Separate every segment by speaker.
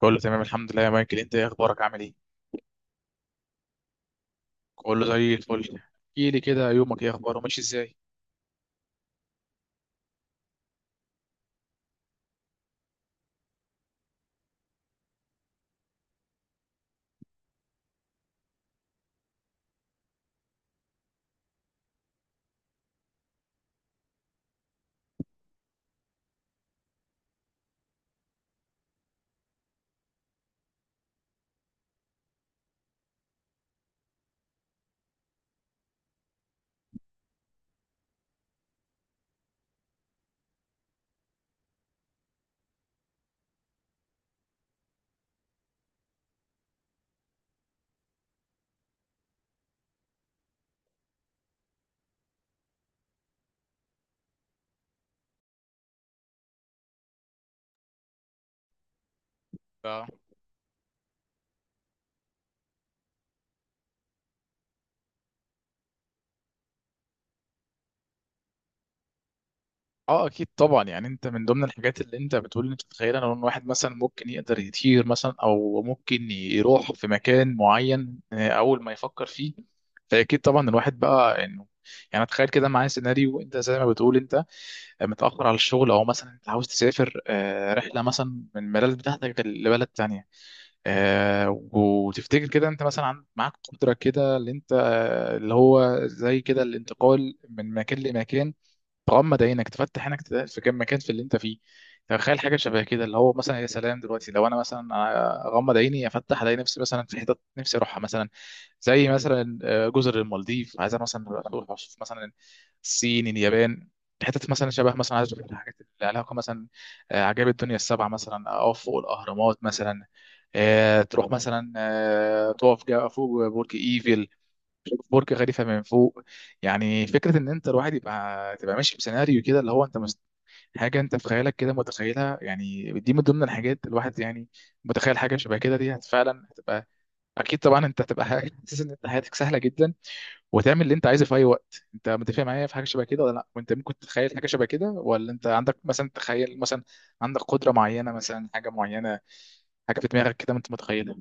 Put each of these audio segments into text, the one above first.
Speaker 1: بقول له تمام الحمد لله يا مايكل، انت ايه اخبارك؟ عامل ايه؟ بقول له زي الفل. احكي لي كده، يومك ايه اخباره؟ ماشي ازاي؟ ف- اه، اكيد طبعا. يعني انت من ضمن الحاجات اللي انت بتقول انت تتخيل ان واحد مثلا ممكن يقدر يطير مثلا، او ممكن يروح في مكان معين، اول ما يفكر فيه. فاكيد طبعا الواحد بقى انه، يعني تخيل كده معايا سيناريو، انت زي ما بتقول انت متاخر على الشغل، او مثلا انت عاوز تسافر، رحله مثلا من البلد بتاعتك لبلد تانية، وتفتكر كده انت مثلا معاك قدرة كده، اللي انت اللي هو زي كده الانتقال من مكان لمكان. تغمض عينك تفتح عينك تلاقي في كم مكان في اللي انت فيه. تخيل حاجه شبه كده، اللي هو مثلا يا سلام دلوقتي لو انا مثلا اغمض عيني افتح الاقي نفسي مثلا في حتت نفسي اروحها، مثلا زي مثلا جزر المالديف. عايز أنا مثلا اروح اشوف مثلا الصين، اليابان، حتت مثلا شبه مثلا. عايز اشوف الحاجات اللي لها علاقه مثلا عجائب الدنيا السبعه مثلا، اقف فوق الاهرامات مثلا، تروح مثلا فوق برج ايفل، برج خليفه من فوق. يعني فكره ان انت الواحد يبقى تبقى ماشي بسيناريو كده اللي هو انت حاجه انت في خيالك كده متخيلها. يعني دي من ضمن الحاجات الواحد يعني متخيل حاجه شبه كده، دي فعلا هتبقى، اكيد طبعا انت هتبقى حاجه حاسس ان انت حياتك سهله جدا وتعمل اللي انت عايزه في اي وقت. انت متفق معايا في حاجه شبه كده ولا لا؟ وانت ممكن تتخيل حاجه شبه كده، ولا انت عندك مثلا تخيل مثلا عندك قدره معينه، مثلا حاجه معينه، حاجه في دماغك كده انت متخيلها؟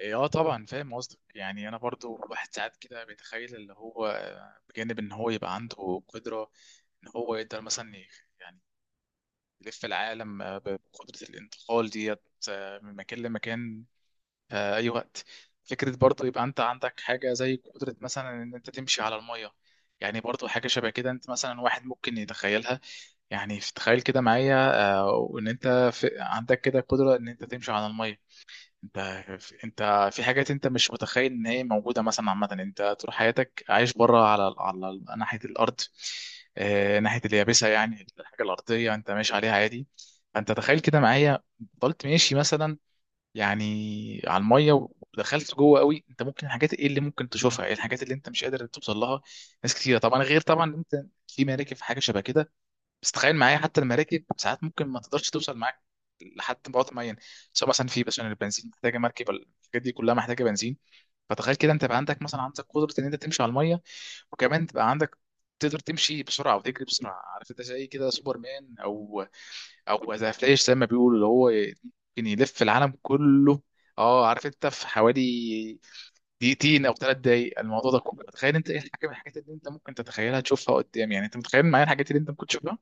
Speaker 1: إيه، اه طبعا فاهم قصدك. يعني انا برضو الواحد ساعات كده بيتخيل اللي هو بجانب ان هو يبقى عنده قدرة ان هو يقدر مثلا يعني يلف العالم، بقدرة الانتقال ديت، من مكان لمكان، اي وقت. فكرة برضو يبقى انت عندك حاجة زي قدرة مثلا ان انت تمشي على المية. يعني برضو حاجة شبه كده انت مثلا واحد ممكن يتخيلها. يعني تخيل كده معايا وان انت عندك كده قدرة ان انت تمشي على المية. انت، انت في حاجات انت مش متخيل ان هي موجوده مثلا. عامه انت طول حياتك عايش بره على ناحيه الارض، اه ناحيه اليابسه، يعني الحاجه الارضيه انت ماشي عليها عادي. فانت تخيل كده معايا فضلت ماشي مثلا يعني على الميه، ودخلت جوه قوي، انت ممكن الحاجات ايه اللي ممكن تشوفها، ايه الحاجات اللي انت مش قادر توصل لها؟ ناس كتيره طبعا، غير طبعا انت في مراكب في حاجه شبه كده، بس تخيل معايا حتى المراكب ساعات ممكن ما تقدرش توصل معاك لحد بعد معين. سواء مثلا في مثلا البنزين، محتاجه مركب، الحاجات دي كلها محتاجه بنزين. فتخيل كده، انت يبقى عندك مثلا عندك قدره ان انت تمشي على الميه، وكمان تبقى عندك تقدر تمشي بسرعه وتجري بسرعه، عارف انت زي كده سوبر مان، او ذا فلاش، زي ما بيقولوا، اللي هو ممكن يلف العالم كله. اه، عارف انت في حوالي دقيقتين او 3 دقايق، الموضوع ده كله، تخيل انت ايه الحاجه من الحاجات اللي انت ممكن تتخيلها تشوفها قدام؟ يعني انت متخيل معايا الحاجات اللي انت ممكن تشوفها؟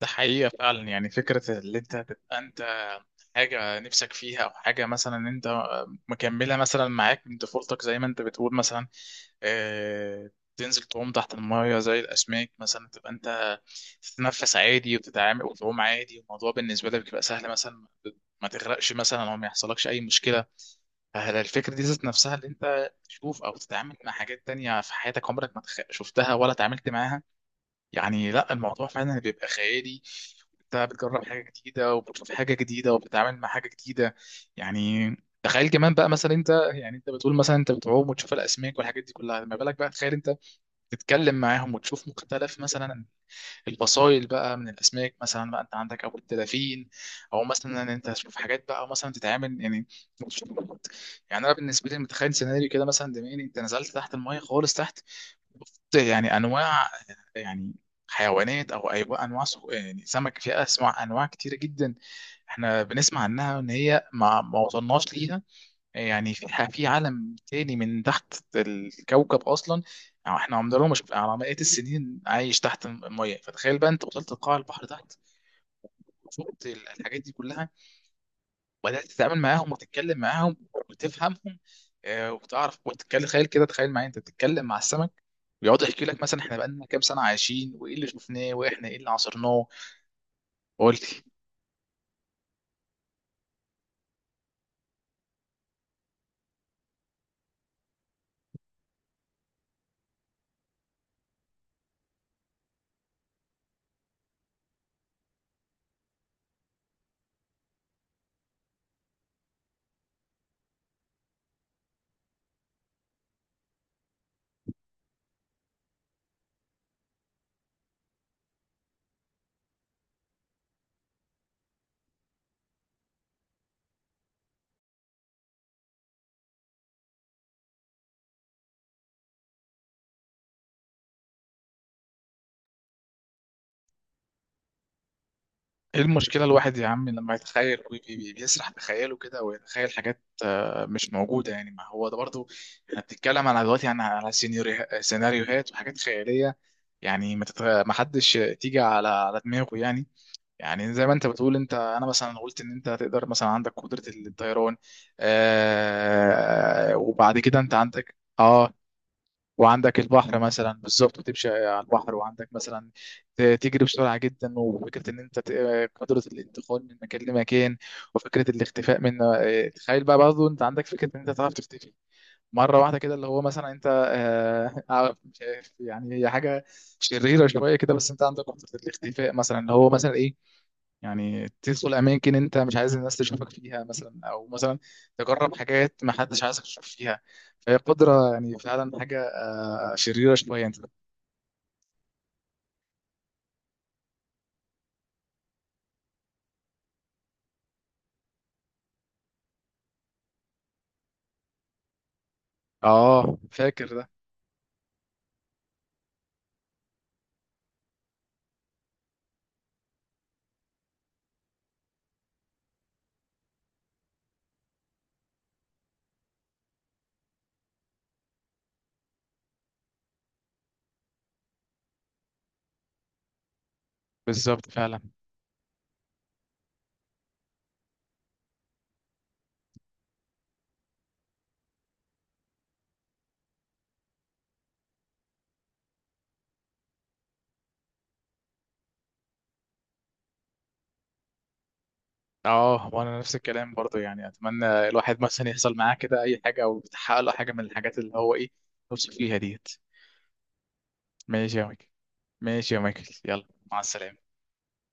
Speaker 1: ده حقيقة فعلا. يعني فكرة اللي انت تبقى انت حاجة نفسك فيها، او حاجة مثلا انت مكملة مثلا معاك من طفولتك، زي ما انت بتقول مثلا، اه، تنزل تعوم تحت المية زي الأسماك مثلا، تبقى انت تتنفس عادي وتتعامل وتعوم عادي، الموضوع بالنسبة لك بيبقى سهل، مثلا ما تغرقش مثلا او ما يحصلكش أي مشكلة. هل الفكرة دي ذات نفسها اللي انت تشوف او تتعامل مع حاجات تانية في حياتك عمرك ما شفتها ولا اتعاملت معاها؟ يعني لا، الموضوع فعلا بيبقى خيالي، انت بتجرب حاجه جديده وبتشوف حاجه جديده وبتتعامل مع حاجه جديده. يعني تخيل كمان بقى مثلا، انت يعني انت بتقول مثلا انت بتعوم وتشوف الاسماك والحاجات دي كلها، ما بالك بقى تخيل انت تتكلم معاهم وتشوف مختلف مثلا الفصائل بقى من الاسماك، مثلا بقى انت عندك او الدلافين، او مثلا ان انت تشوف حاجات بقى، او مثلا تتعامل يعني وتشوف. يعني انا بالنسبه لي متخيل سيناريو كده، مثلا دماغي انت نزلت تحت الميه خالص تحت. بص، يعني انواع، يعني حيوانات او ايوه انواع يعني سمك، فيها اسماء انواع كتيره جدا احنا بنسمع عنها ان هي ما وصلناش ليها. يعني في عالم تاني من تحت الكوكب اصلا، يعني احنا عمرنا ما شفنا على مئات السنين عايش تحت الميه. فتخيل بقى انت وصلت لقاع البحر تحت، وشفت الحاجات دي كلها، وبدات تتعامل معاهم وتتكلم معاهم وتفهمهم، وتعرف وتتكلم. تخيل كده، تخيل معايا انت بتتكلم مع السمك، بيقعد يحكي لك مثلا احنا بقالنا كام سنه عايشين، وايه اللي شفناه، واحنا ايه اللي عاصرناه. قلت ايه المشكله الواحد يا عم لما يتخيل بيسرح بخياله كده ويتخيل حاجات مش موجوده؟ يعني ما هو ده برضو، احنا بنتكلم على دلوقتي يعني على سيناريوهات وحاجات خياليه. يعني ما حدش تيجي على دماغه يعني. يعني زي ما انت بتقول، انت انا مثلا قلت ان انت تقدر مثلا عندك قدره الطيران، وبعد كده انت عندك اه، وعندك البحر مثلا بالظبط، تمشي على البحر، وعندك مثلا تجري بسرعه جدا، وفكره ان انت قدره الانتقال من مكان لمكان، وفكره الاختفاء من. تخيل بقى برضه انت عندك فكره ان انت تعرف تختفي مره واحده كده، اللي هو مثلا انت مش عارف يعني، هي حاجه شريره شويه كده، بس انت عندك قدره الاختفاء مثلا، اللي هو مثلا ايه، يعني تدخل اماكن انت مش عايز الناس تشوفك فيها، مثلا او مثلا تجرب حاجات ما حدش عايزك تشوف فيها. فهي قدره يعني فعلا حاجه شريرة شوية انت. اه، فاكر ده. بالظبط فعلا. اه، وانا نفس الكلام برضه، يعني اتمنى الواحد مثلا يحصل معاه كده اي حاجة، او يتحقق له حاجة من الحاجات اللي هو ايه نفسه فيها ديت. ماشي يا مايكل، ماشي يا مايكل، يلا مع السلامة.